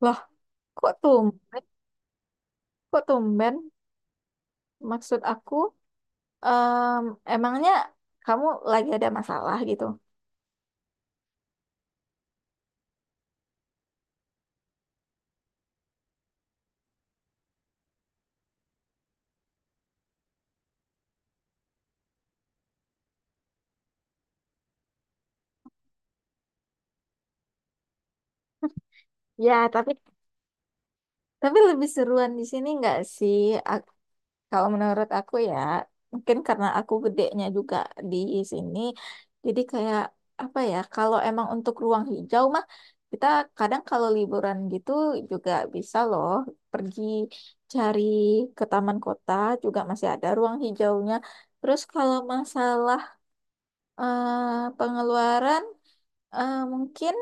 Loh, kok tumben? Kok tumben? Maksud aku, em, emangnya kamu lagi ada masalah gitu? Ya, tapi lebih seruan di sini nggak sih? Kalau menurut aku ya, mungkin karena aku gedenya juga di sini, jadi kayak apa ya, kalau emang untuk ruang hijau mah, kita kadang kalau liburan gitu juga bisa loh pergi cari ke taman kota juga masih ada ruang hijaunya. Terus kalau masalah pengeluaran, mungkin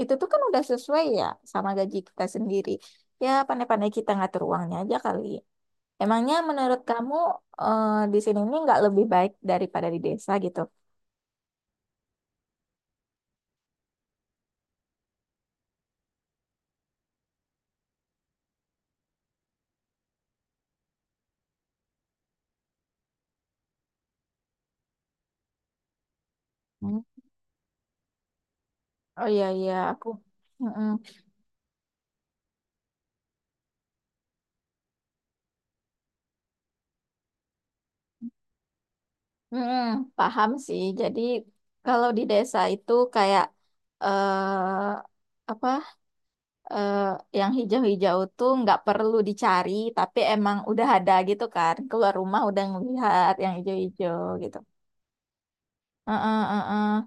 itu tuh kan udah sesuai ya sama gaji kita sendiri. Ya pandai-pandai kita ngatur uangnya aja kali. Emangnya menurut kamu eh, di sini ini nggak lebih baik daripada di desa gitu? Hmm. Oh iya, iya, aku mm-mm. Mm-mm, paham sih. Jadi kalau di desa itu kayak eh apa eh yang hijau-hijau tuh nggak perlu dicari, tapi emang udah ada gitu kan. Keluar rumah udah ngelihat yang hijau-hijau gitu. Heeh, heeh.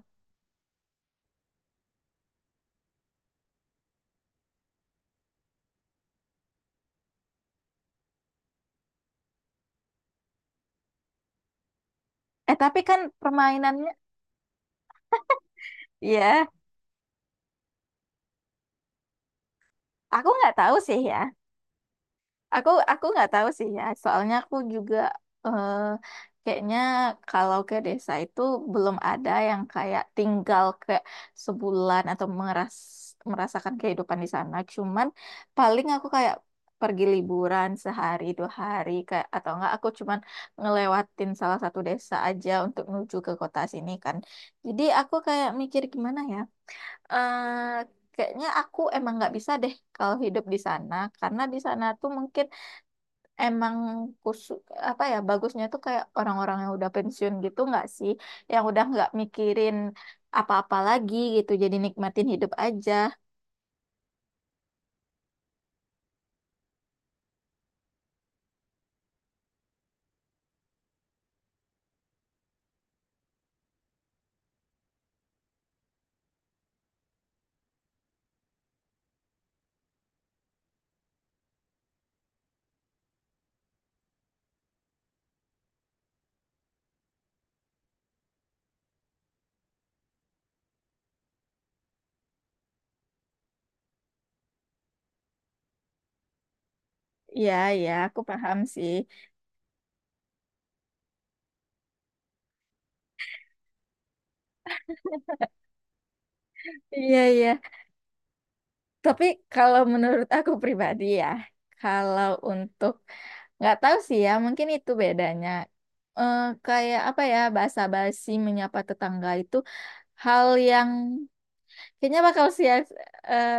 Eh tapi kan permainannya, ya aku nggak tahu sih ya. Aku nggak tahu sih ya, soalnya aku juga eh, kayaknya kalau ke desa itu belum ada yang kayak tinggal ke sebulan atau merasakan kehidupan di sana. Cuman paling aku kayak pergi liburan sehari dua hari kayak atau enggak aku cuman ngelewatin salah satu desa aja untuk menuju ke kota sini kan. Jadi aku kayak mikir gimana ya. eh Kayaknya aku emang nggak bisa deh kalau hidup di sana karena di sana tuh mungkin emang khusus apa ya bagusnya tuh kayak orang-orang yang udah pensiun gitu nggak sih yang udah nggak mikirin apa-apa lagi gitu jadi nikmatin hidup aja. Iya, iya, aku paham sih. Iya, iya. Tapi kalau menurut aku pribadi ya, kalau untuk nggak tahu sih ya, mungkin itu bedanya. Eh, kayak apa ya basa basi menyapa tetangga itu hal yang kayaknya bakal eh,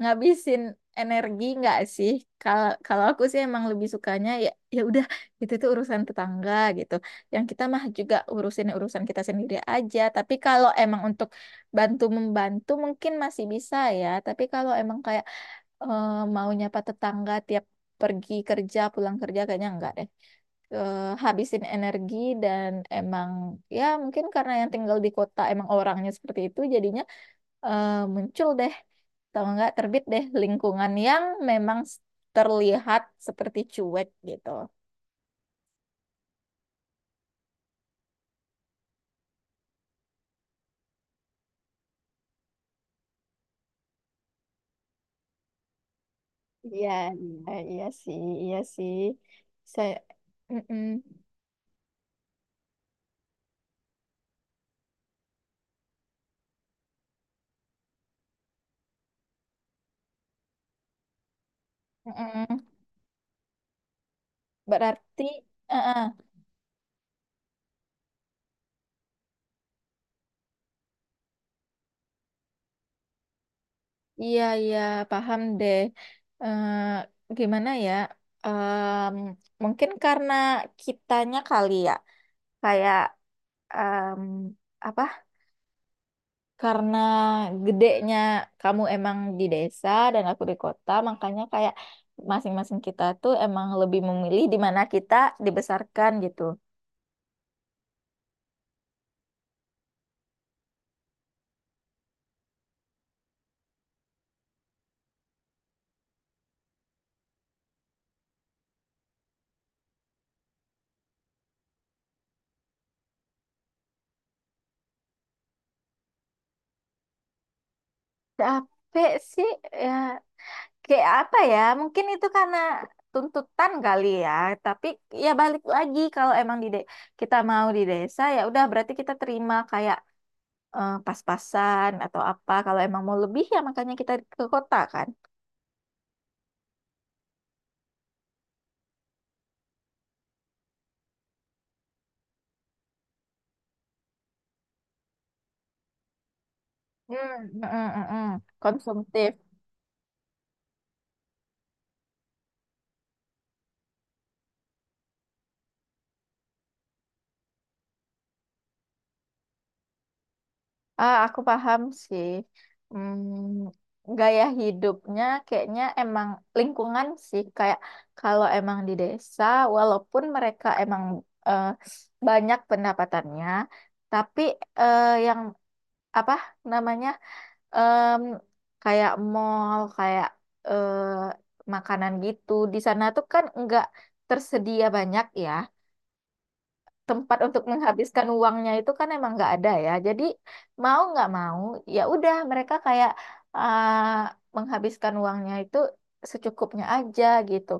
ngabisin energi nggak sih? Kalau kalau aku sih emang lebih sukanya ya ya udah itu tuh urusan tetangga gitu. Yang kita mah juga urusin urusan kita sendiri aja. Tapi kalau emang untuk bantu membantu mungkin masih bisa ya. Tapi kalau emang kayak eh, mau nyapa tetangga tiap pergi kerja pulang kerja kayaknya enggak deh. Eh, habisin energi dan emang ya mungkin karena yang tinggal di kota emang orangnya seperti itu jadinya muncul deh atau enggak terbit deh lingkungan yang memang terlihat seperti cuek gitu. Iya, iya, iya sih, iya sih. Saya, mm-mm. Mm-mm. Berarti, eh, iya, iya, paham deh. Eh, gimana ya? Em, Mungkin karena kitanya kali ya, kayak em, apa karena gedenya kamu emang di desa dan aku di kota, makanya kayak masing-masing kita tuh emang lebih memilih di mana kita dibesarkan gitu. Capek sih ya kayak apa ya? Mungkin itu karena tuntutan kali ya, tapi ya balik lagi kalau emang kita mau di desa ya udah berarti kita terima kayak pas-pasan atau apa. Kalau emang mau lebih ya makanya kita ke kota kan. Hmm, mm, mm, mm, mm. Konsumtif. Ah, aku paham sih. Hmm, gaya hidupnya kayaknya emang lingkungan sih. Kayak kalau emang di desa, walaupun mereka emang eh, banyak pendapatannya, tapi yang apa namanya em, kayak mall, kayak eh, makanan gitu di sana tuh kan nggak tersedia banyak ya tempat untuk menghabiskan uangnya itu kan emang nggak ada ya. Jadi mau nggak mau ya udah mereka kayak ah, menghabiskan uangnya itu secukupnya aja gitu.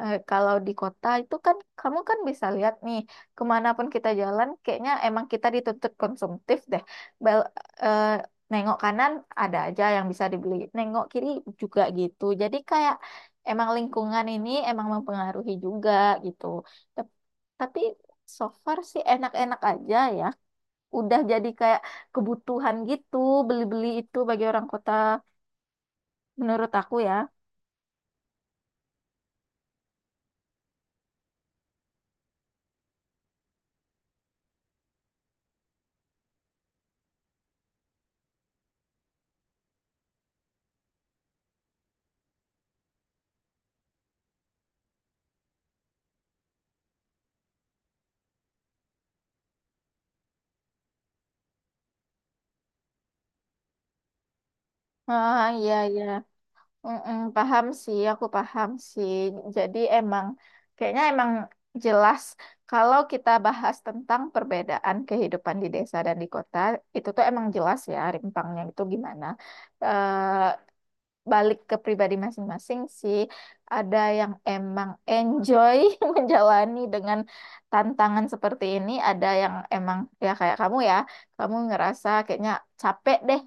Eh, kalau di kota itu kan kamu kan bisa lihat nih kemanapun kita jalan kayaknya emang kita dituntut konsumtif deh. Bel- eh, Nengok kanan ada aja yang bisa dibeli, nengok kiri juga gitu. Jadi kayak emang lingkungan ini emang mempengaruhi juga gitu. Tapi so far sih enak-enak aja ya. Udah jadi kayak kebutuhan gitu, beli-beli itu bagi orang kota menurut aku ya. Ah, iya, iya. Mm-mm, paham sih, aku paham sih. Jadi emang, kayaknya emang jelas kalau kita bahas tentang perbedaan kehidupan di desa dan di kota, itu tuh emang jelas ya rimpangnya itu gimana. Eh, balik ke pribadi masing-masing sih. Ada yang emang enjoy menjalani dengan tantangan seperti ini, ada yang emang ya kayak kamu ya, kamu ngerasa kayaknya capek deh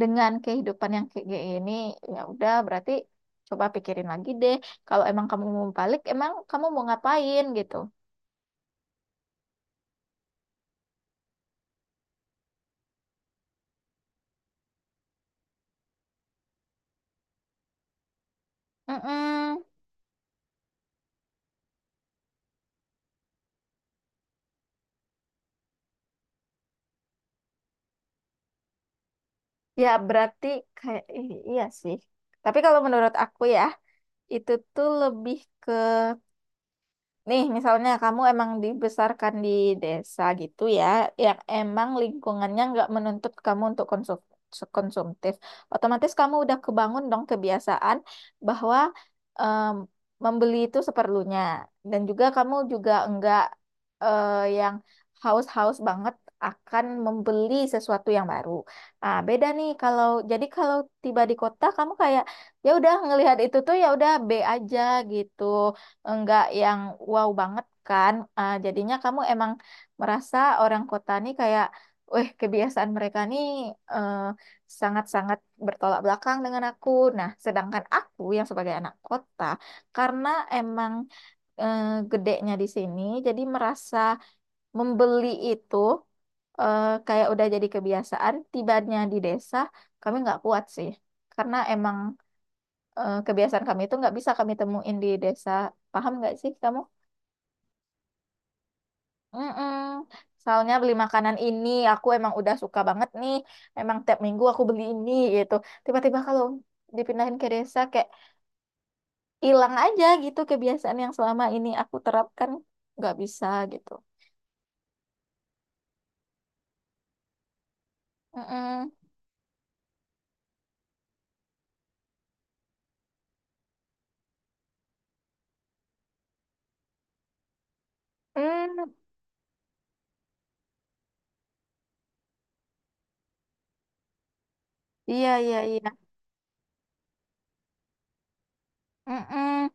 dengan kehidupan yang kayak gini. Ya udah, berarti coba pikirin lagi deh. Kalau emang kamu mau balik, emang kamu mau ngapain gitu? Mm-mm. Ya berarti kayak iya sih. Tapi kalau menurut aku ya, itu tuh lebih nih, misalnya kamu emang dibesarkan di desa gitu ya, yang emang lingkungannya nggak menuntut kamu untuk konsumtif, otomatis kamu udah kebangun dong kebiasaan bahwa em, membeli itu seperlunya, dan juga kamu juga enggak eh, yang haus-haus banget akan membeli sesuatu yang baru. Nah, beda nih kalau tiba di kota kamu kayak ya udah ngelihat itu tuh ya udah B aja gitu enggak yang wow banget kan. Ah, jadinya kamu emang merasa orang kota nih kayak, weh kebiasaan mereka nih eh, sangat-sangat bertolak belakang dengan aku. Nah, sedangkan aku yang sebagai anak kota, karena emang eh, gedenya di sini, jadi merasa membeli itu kayak udah jadi kebiasaan. Tibanya di desa, kami nggak kuat sih, karena emang kebiasaan kami itu nggak bisa kami temuin di desa. Paham nggak sih kamu? Mm. Soalnya beli makanan ini aku emang udah suka banget nih. Emang tiap minggu aku beli ini gitu. Tiba-tiba kalau dipindahin ke desa kayak hilang aja gitu kebiasaan yang selama ini aku terapkan nggak bisa gitu. Mm-mm. Mm. Iya, iya, iya. Mm-mm.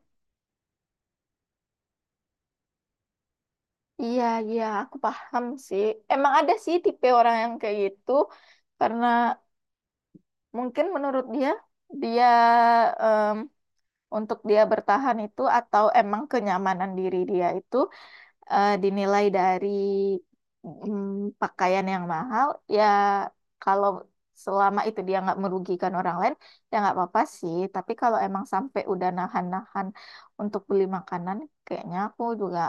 Iya, iya, aku paham sih. Emang ada sih tipe orang yang kayak gitu karena mungkin menurut dia dia untuk dia bertahan itu atau emang kenyamanan diri dia itu dinilai dari pakaian yang mahal ya kalau selama itu dia nggak merugikan orang lain ya nggak apa-apa sih tapi kalau emang sampai udah nahan-nahan untuk beli makanan kayaknya aku juga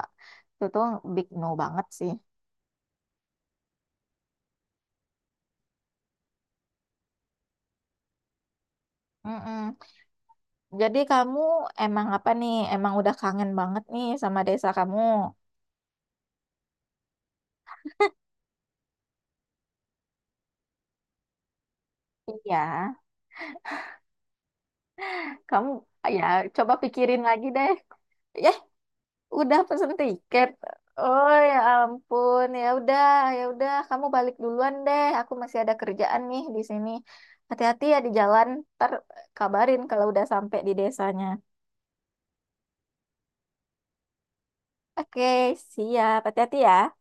itu tuh big no banget sih. Mm-mm. Jadi kamu emang apa nih emang udah kangen banget nih sama desa kamu? Iya, kamu ya coba pikirin lagi deh. Ya, udah pesen tiket. Oh ya ampun, ya udah, kamu balik duluan deh. Aku masih ada kerjaan nih di sini. Hati-hati ya di jalan. Ntar kabarin kalau udah sampai di desanya. Oke, siap. Hati-hati ya.